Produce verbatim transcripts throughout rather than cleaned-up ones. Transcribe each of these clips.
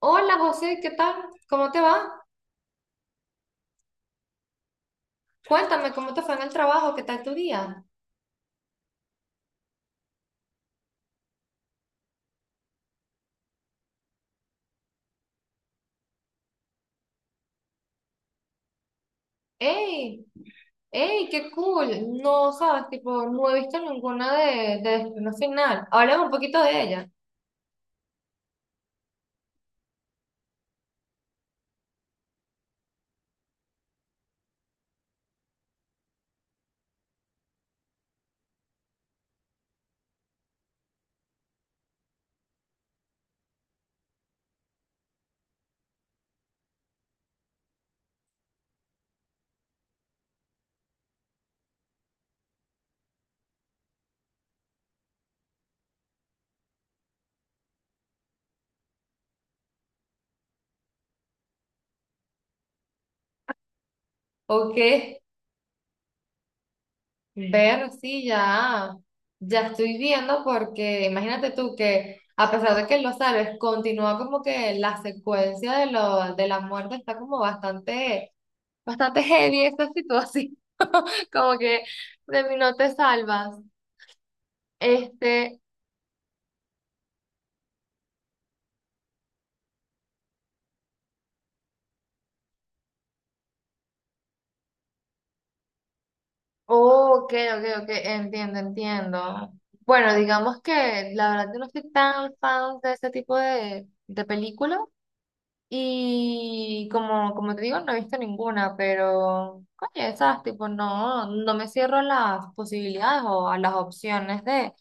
Hola José, ¿qué tal? ¿Cómo te va? Cuéntame cómo te fue en el trabajo, ¿qué tal tu día? ¡Ey! ¡Ey! ¡Qué cool! No sabes, tipo, no he visto ninguna de, de Destino Final. Háblame un poquito de ella. ¿O qué? Ver, sí, ya, ya estoy viendo porque imagínate tú que a pesar de que lo sabes, continúa como que la secuencia de, lo, de la muerte está como bastante, bastante heavy esta situación. Como que de mí no te salvas. Este. Ok, ok, ok, entiendo, entiendo. Bueno, digamos que la verdad yo no soy tan fan de ese tipo de, de películas y como, como te digo, no he visto ninguna, pero coño, esas tipo no, no me cierro a las posibilidades o a las opciones de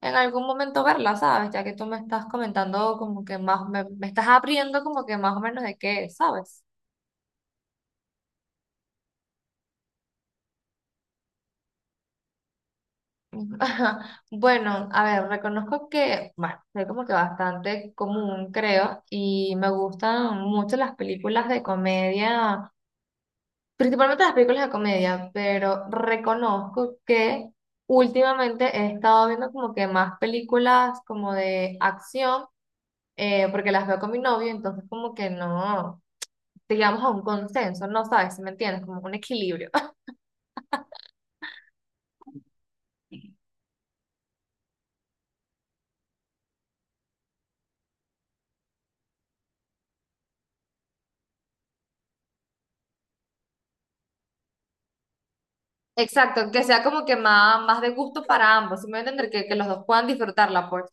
en algún momento verlas, ¿sabes? Ya que tú me estás comentando como que más, me, me estás abriendo como que más o menos de qué, es, ¿sabes? Ajá. Bueno, a ver, reconozco que, bueno, soy como que bastante común, creo, y me gustan mucho las películas de comedia, principalmente las películas de comedia, pero reconozco que últimamente he estado viendo como que más películas como de acción, eh, porque las veo con mi novio, entonces como que no llegamos a un consenso, no sabes, si me entiendes, como un equilibrio. Exacto, que sea como que más, más de gusto para ambos, si me voy a entender que, que los dos puedan disfrutarla, pues.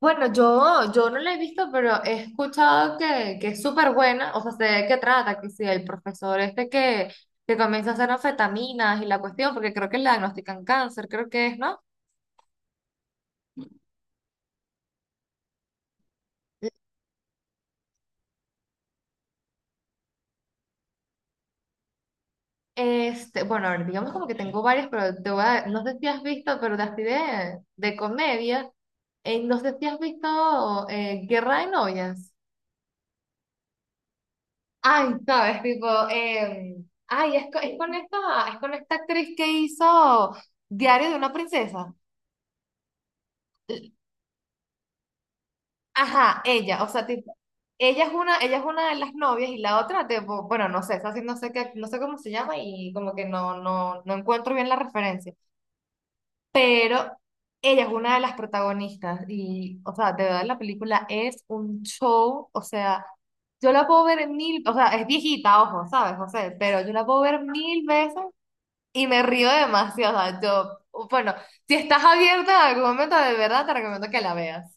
Bueno, yo, yo no la he visto, pero he escuchado que, que es súper buena, o sea, sé de qué trata, que si el profesor este que, que comienza a hacer anfetaminas y la cuestión, porque creo que le diagnostican cáncer, creo que es, ¿no? Este, bueno, a ver, digamos como que tengo varias, pero te voy a, no sé si has visto, pero de así de, de comedia, eh, no sé si has visto eh, Guerra de Novias. Ay, sabes, tipo, eh, ay, es, co- es con esta, es con esta actriz que hizo Diario de una princesa. Ajá, ella, o sea, tipo, ella es una, ella es una de las novias y la otra, tipo, bueno, no sé, esa sí no sé qué, no sé cómo se llama y como que no, no, no encuentro bien la referencia, pero ella es una de las protagonistas y, o sea, de verdad la película es un show, o sea, yo la puedo ver mil, o sea, es viejita, ojo, ¿sabes, José? Pero yo la puedo ver mil veces y me río demasiado, o sea, yo, bueno, si estás abierta en algún momento, de verdad te recomiendo que la veas.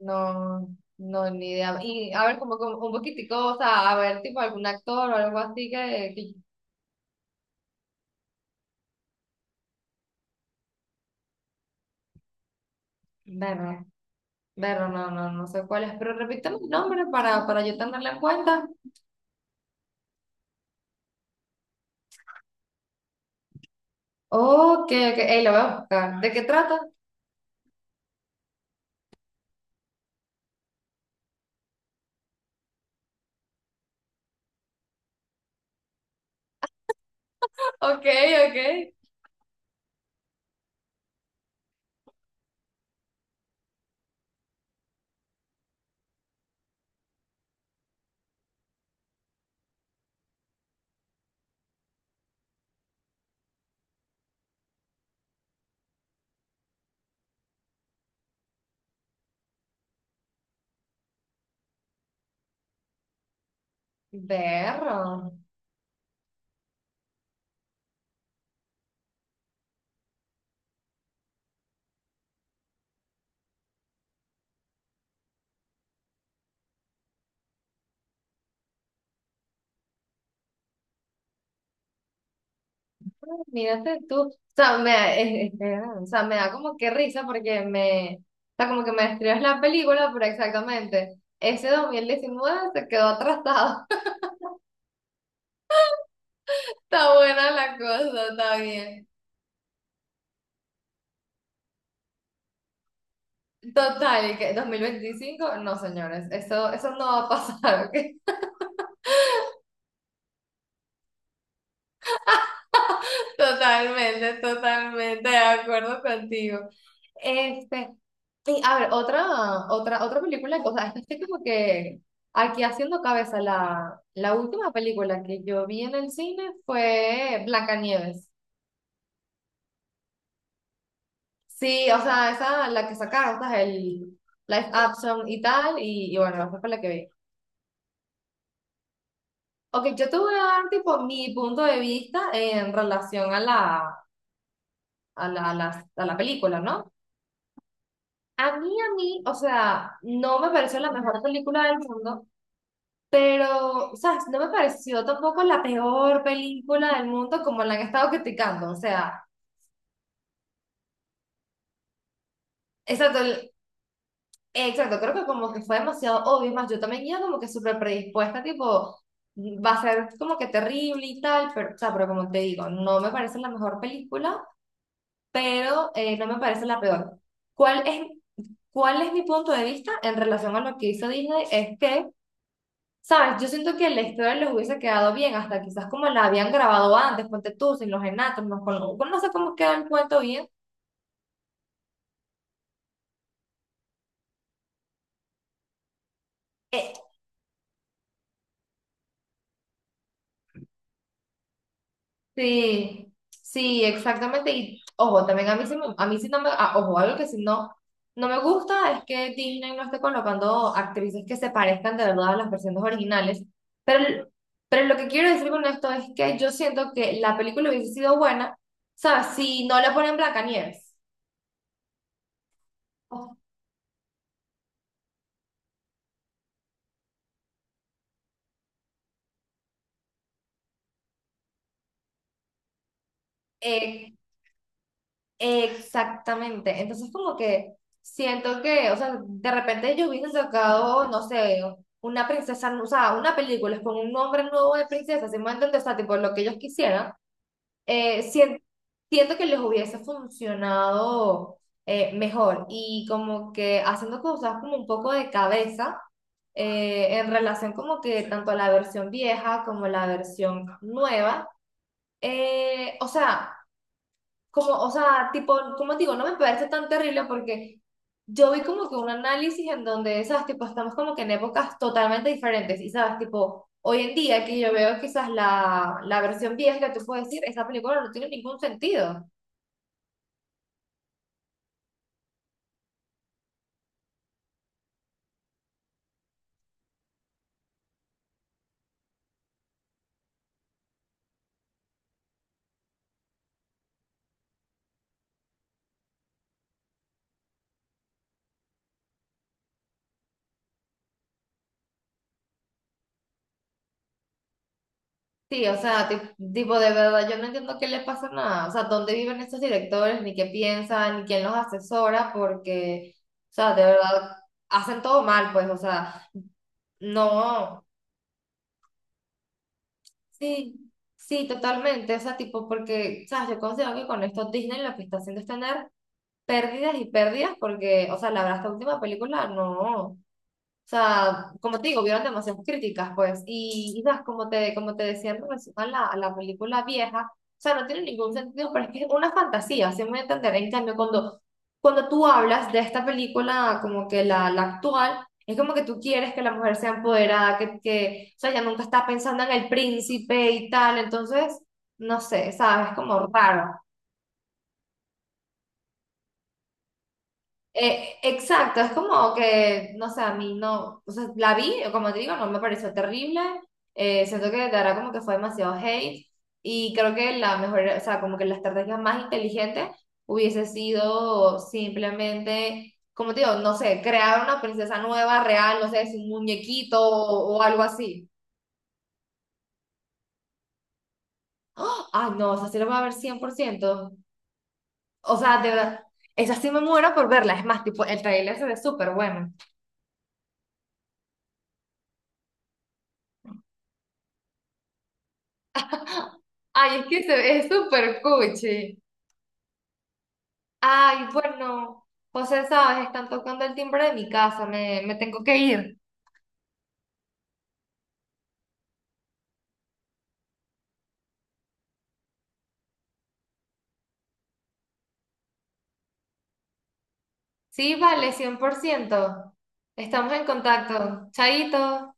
No, no, ni idea. Y a ver, como, como un poquitico, o sea, a ver, tipo algún actor o algo así que, que verlo, verlo, no, no, no sé cuál es, pero repítame el nombre para, para yo tenerlo en cuenta. Ok, ok, ey, lo voy a buscar. ¿De qué trata? Ok, ok. Berro. Mírate tú. O sea, me, da- es- es- es- o sea, me da como que risa porque me, o sea, como que me describes la película, pero exactamente, ese dos mil diecinueve se quedó atrasado. Está buena la cosa, está bien. Total, ¿y que veinticinco no señores, eso, eso no va a pasar, ¿ok? Totalmente, totalmente de acuerdo contigo. Este, y a ver, otra, otra, otra película, o sea, es que estoy como que aquí haciendo cabeza, la, la última película que yo vi en el cine fue Blancanieves. Sí, o sea, esa, la que sacaron, esa es el live action y tal, y, y bueno, esa fue la que vi. Ok, yo te voy a dar tipo mi punto de vista en relación a la, a la, a la, a la película, ¿no? A mí, a mí, o sea, no me pareció la mejor película del mundo, pero, ¿sabes? No me pareció tampoco la peor película del mundo como la han estado criticando, o sea, exacto, el- exacto, creo que como que fue demasiado obvio, es más, yo también iba como que súper predispuesta, tipo, va a ser como que terrible y tal, pero, o sea, pero como te digo, no me parece la mejor película, pero eh, no me parece la peor. ¿Cuál es, cuál es mi punto de vista en relación a lo que hizo Disney? Es que, ¿sabes? Yo siento que la historia les hubiese quedado bien, hasta quizás como la habían grabado antes, ponte tú, sin los enanos, no, con- con- no sé cómo queda el cuento bien. Eh, Sí, sí, exactamente. Y ojo, también a mí sí, me- a mí sí no me, ah, ojo, algo que sí no, no me gusta es que Disney no esté colocando actrices que se parezcan de verdad a las versiones originales. Pero, pero lo que quiero decir con esto es que yo siento que la película hubiese sido buena, ¿sabes? Si no le ponen Blancanieves. Exactamente. Entonces, como que siento que, o sea, de repente ellos hubiesen sacado, no sé, una princesa, o sea, una película con un nombre nuevo de princesa, si me entiendes, o sea, tipo lo que ellos quisieran, eh, sien- siento que les hubiese funcionado eh, mejor. Y como que haciendo cosas como un poco de cabeza, eh, en relación como que tanto a la versión vieja como la versión nueva. Eh, o sea, como, o sea, tipo, como digo, no me parece tan terrible porque yo vi como que un análisis en donde, sabes, tipo, estamos como que en épocas totalmente diferentes y, sabes, tipo, hoy en día que yo veo quizás la, la versión vieja, tú puedes decir, esa película no tiene ningún sentido. Sí, o sea, ti- tipo, de verdad, yo no entiendo qué le pasa nada, o sea, dónde viven estos directores, ni qué piensan, ni quién los asesora, porque, o sea, de verdad, hacen todo mal, pues, o sea, no. Sí, sí, totalmente. O sea, tipo, porque, ¿sabes? Yo considero que con esto Disney lo que está haciendo es tener pérdidas y pérdidas, porque, o sea, la verdad, esta última película no. O sea, como te digo, vieron demasiadas críticas, pues, y, y sabes, como te, como te decía en relación a la, a la película vieja, o sea, no tiene ningún sentido, pero es que es una fantasía, así me voy a entender. En cambio, cuando, cuando tú hablas de esta película, como que la, la actual, es como que tú quieres que la mujer sea empoderada, que, que, o sea, ella nunca está pensando en el príncipe y tal, entonces, no sé, sabes, es como raro. Eh, exacto, es como que, no sé, a mí no, o sea, la vi, como te digo, no me pareció terrible, eh, siento que de verdad como que fue demasiado hate y creo que la mejor, o sea, como que la estrategia más inteligente hubiese sido simplemente, como te digo, no sé, crear una princesa nueva, real, no sé, es un muñequito o, o algo así. ¡Ah! Ay, no, esa sí la voy a ver cien por ciento, o sea, de verdad, esa sí me muero por verla, es más, tipo, el trailer se ve súper bueno. Ay, es que se- es súper cuchi. Ay, bueno, José, sabes, están tocando el timbre de mi casa, me, me tengo que ir. Sí, vale, cien por ciento. Estamos en contacto. Chaito.